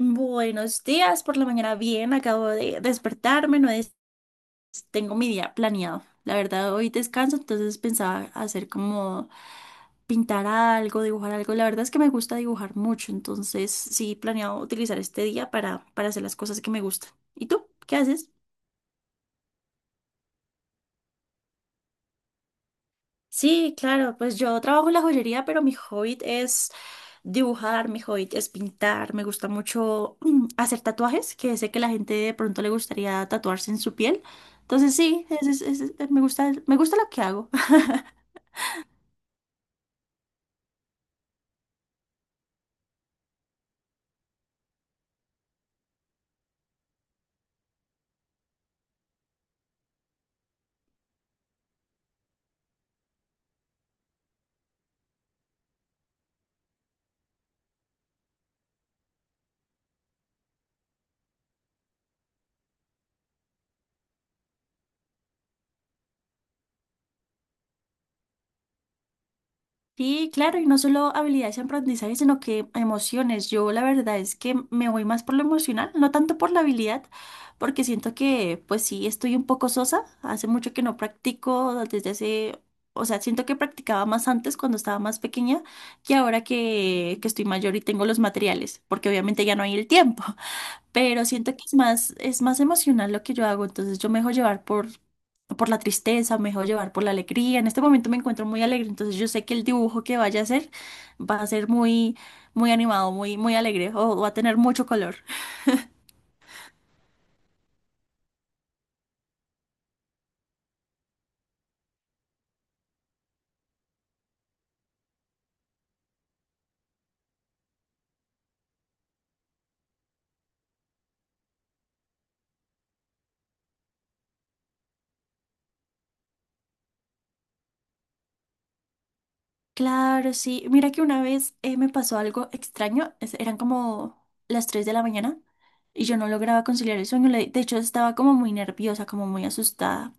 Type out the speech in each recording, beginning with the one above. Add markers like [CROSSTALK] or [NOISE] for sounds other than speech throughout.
Buenos días. Por la mañana bien, acabo de despertarme, no es, tengo mi día planeado. La verdad, hoy descanso, entonces pensaba hacer como pintar algo, dibujar algo. La verdad es que me gusta dibujar mucho, entonces sí planeado utilizar este día para hacer las cosas que me gustan. ¿Y tú? ¿Qué haces? Sí, claro, pues yo trabajo en la joyería, pero mi hobby es dibujar, mi hobby es pintar, me gusta mucho hacer tatuajes, que sé que la gente de pronto le gustaría tatuarse en su piel. Entonces sí, me gusta lo que hago. [LAUGHS] Sí, claro, y no solo habilidades y aprendizaje, sino que emociones. Yo la verdad es que me voy más por lo emocional, no tanto por la habilidad, porque siento que, pues sí, estoy un poco sosa. Hace mucho que no practico, desde hace, o sea, siento que practicaba más antes cuando estaba más pequeña que ahora que estoy mayor y tengo los materiales, porque obviamente ya no hay el tiempo, pero siento que es más emocional lo que yo hago, entonces yo me dejo llevar por la tristeza, me dejo llevar por la alegría. En este momento me encuentro muy alegre, entonces yo sé que el dibujo que vaya a hacer va a ser muy, muy animado, muy, muy alegre o va a tener mucho color. Claro, sí. Mira que una vez me pasó algo extraño, eran como las 3 de la mañana. Y yo no lograba conciliar el sueño, de hecho estaba como muy nerviosa, como muy asustada.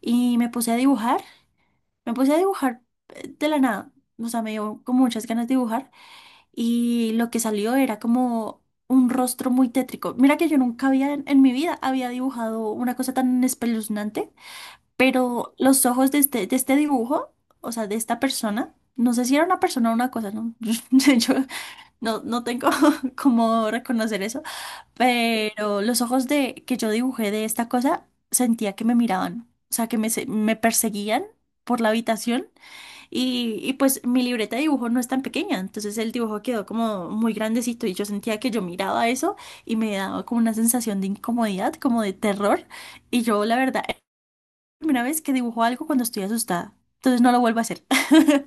Y me puse a dibujar. Me puse a dibujar de la nada, o sea, me dio como muchas ganas de dibujar, y lo que salió era como un rostro muy tétrico. Mira que yo nunca había en mi vida había dibujado una cosa tan espeluznante, pero los ojos de de este dibujo, o sea, de esta persona, no sé si era una persona o una cosa, no, [LAUGHS] yo no tengo [LAUGHS] cómo reconocer eso, pero los ojos de que yo dibujé de esta cosa sentía que me miraban, o sea, que me, me perseguían por la habitación. Y pues mi libreta de dibujo no es tan pequeña, entonces el dibujo quedó como muy grandecito y yo sentía que yo miraba eso y me daba como una sensación de incomodidad, como de terror. Y yo, la verdad, es la primera vez que dibujo algo cuando estoy asustada, entonces no lo vuelvo a hacer. [LAUGHS]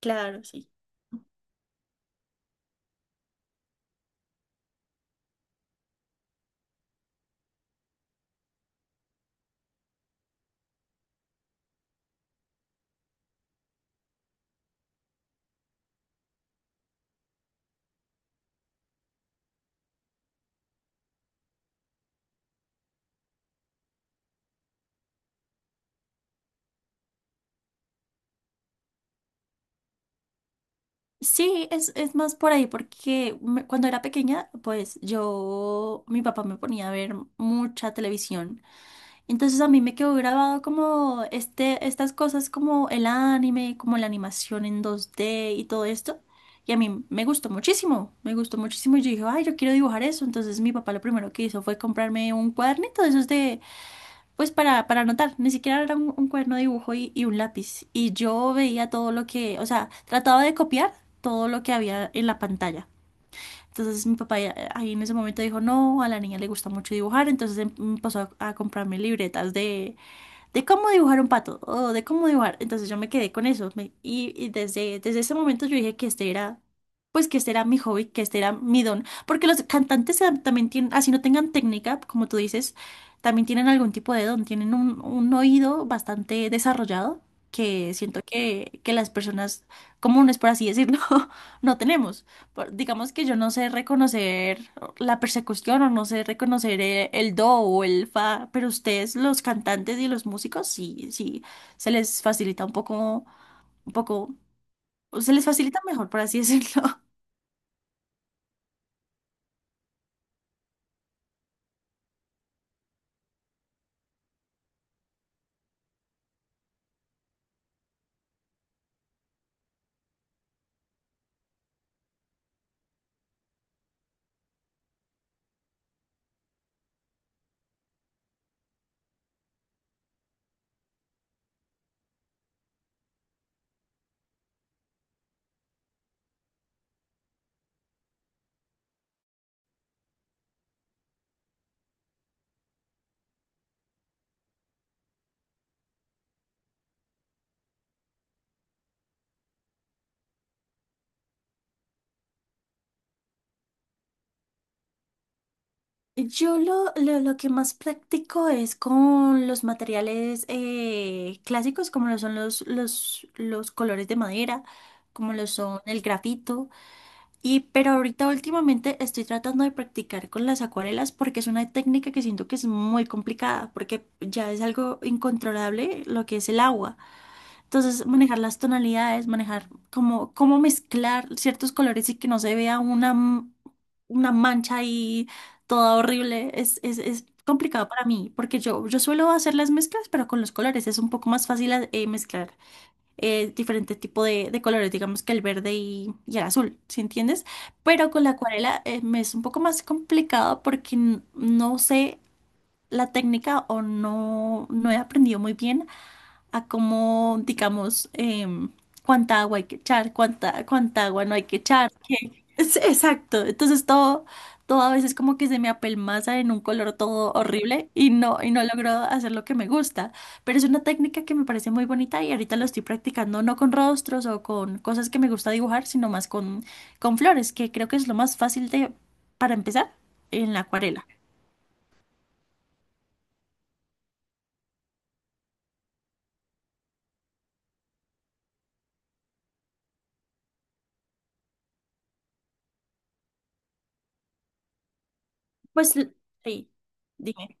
Claro, sí. Sí, es más por ahí, porque cuando era pequeña, pues yo, mi papá me ponía a ver mucha televisión. Entonces a mí me quedó grabado como estas cosas como el anime, como la animación en 2D y todo esto. Y a mí me gustó muchísimo, me gustó muchísimo. Y yo dije, ay, yo quiero dibujar eso. Entonces mi papá lo primero que hizo fue comprarme un cuadernito de esos de, pues para anotar. Ni siquiera era un cuaderno de dibujo y un lápiz. Y yo veía todo lo que, o sea, trataba de copiar todo lo que había en la pantalla. Entonces mi papá ahí en ese momento dijo, no, a la niña le gusta mucho dibujar, entonces empezó a comprarme libretas de cómo dibujar un pato o de cómo dibujar. Entonces yo me quedé con eso. Y y desde ese momento yo dije que este era, pues que este era mi hobby, que este era mi don. Porque los cantantes también tienen, así no tengan técnica, como tú dices, también tienen algún tipo de don, tienen un oído bastante desarrollado que siento que las personas comunes, por así decirlo, [LAUGHS] no tenemos. Digamos que yo no sé reconocer la persecución o no sé reconocer el do o el fa, pero ustedes, los cantantes y los músicos, sí, sí, se les facilita un poco, se les facilita mejor, por así decirlo. [LAUGHS] Yo lo que más practico es con los materiales clásicos, como lo son los colores de madera, como lo son el grafito. Y pero ahorita últimamente estoy tratando de practicar con las acuarelas porque es una técnica que siento que es muy complicada porque ya es algo incontrolable lo que es el agua. Entonces manejar las tonalidades, manejar cómo, cómo mezclar ciertos colores y que no se vea una, una mancha ahí toda horrible es complicado para mí porque yo suelo hacer las mezclas pero con los colores es un poco más fácil mezclar diferente tipo de colores, digamos que el verde y el azul, ¿sí entiendes? Pero con la acuarela me es un poco más complicado porque no sé la técnica o no, no he aprendido muy bien a cómo, digamos, cuánta agua hay que echar, cuánta, cuánta agua no hay que echar. Exacto. Entonces todo, todo a veces como que se me apelmaza en un color todo horrible y no logro hacer lo que me gusta. Pero es una técnica que me parece muy bonita y ahorita lo estoy practicando no con rostros o con cosas que me gusta dibujar, sino más con flores, que creo que es lo más fácil de, para empezar en la acuarela. Pues l- sí, dime.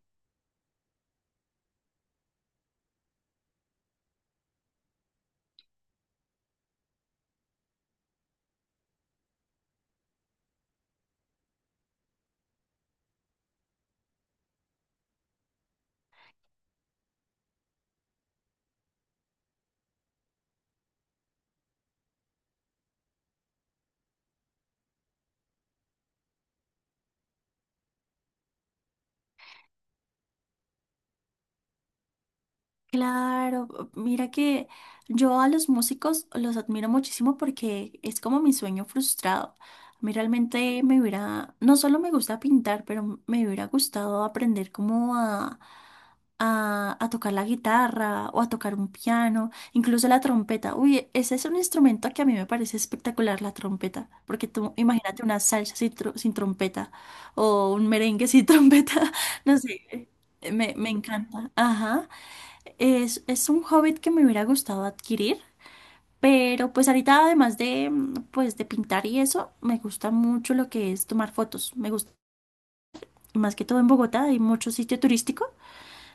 Claro, mira que yo a los músicos los admiro muchísimo porque es como mi sueño frustrado. A mí realmente me hubiera, no solo me gusta pintar, pero me hubiera gustado aprender como a, a tocar la guitarra o a tocar un piano, incluso la trompeta. Uy, ese es un instrumento que a mí me parece espectacular, la trompeta, porque tú imagínate una salsa sin, sin trompeta o un merengue sin [LAUGHS] trompeta, no sé, me encanta. Ajá. Es un hobbit que me hubiera gustado adquirir, pero pues ahorita además de pues de pintar y eso, me gusta mucho lo que es tomar fotos. Me gusta, más que todo en Bogotá hay mucho sitio turístico,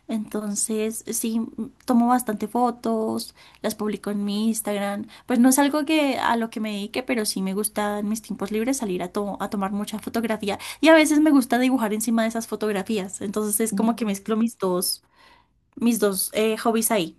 entonces sí tomo bastante fotos, las publico en mi Instagram. Pues no es algo que a lo que me dedique, pero sí me gusta en mis tiempos libres salir a, a tomar mucha fotografía y a veces me gusta dibujar encima de esas fotografías. Entonces es como que mezclo mis dos hobbies ahí.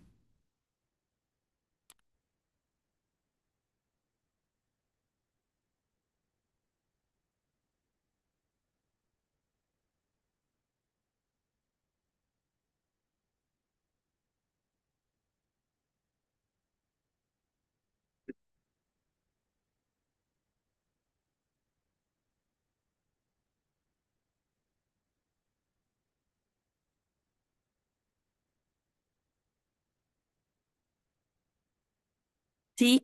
Sí,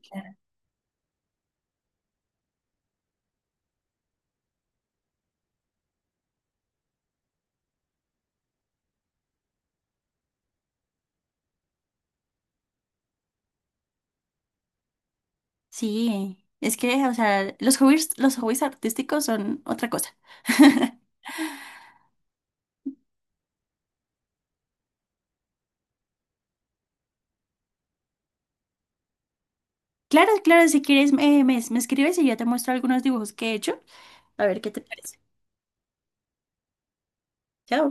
sí, es que, o sea, los hobbies artísticos son otra cosa. [LAUGHS] Claro, claro, si quieres, me, me escribes y yo te muestro algunos dibujos que he hecho. A ver qué te parece. Chao.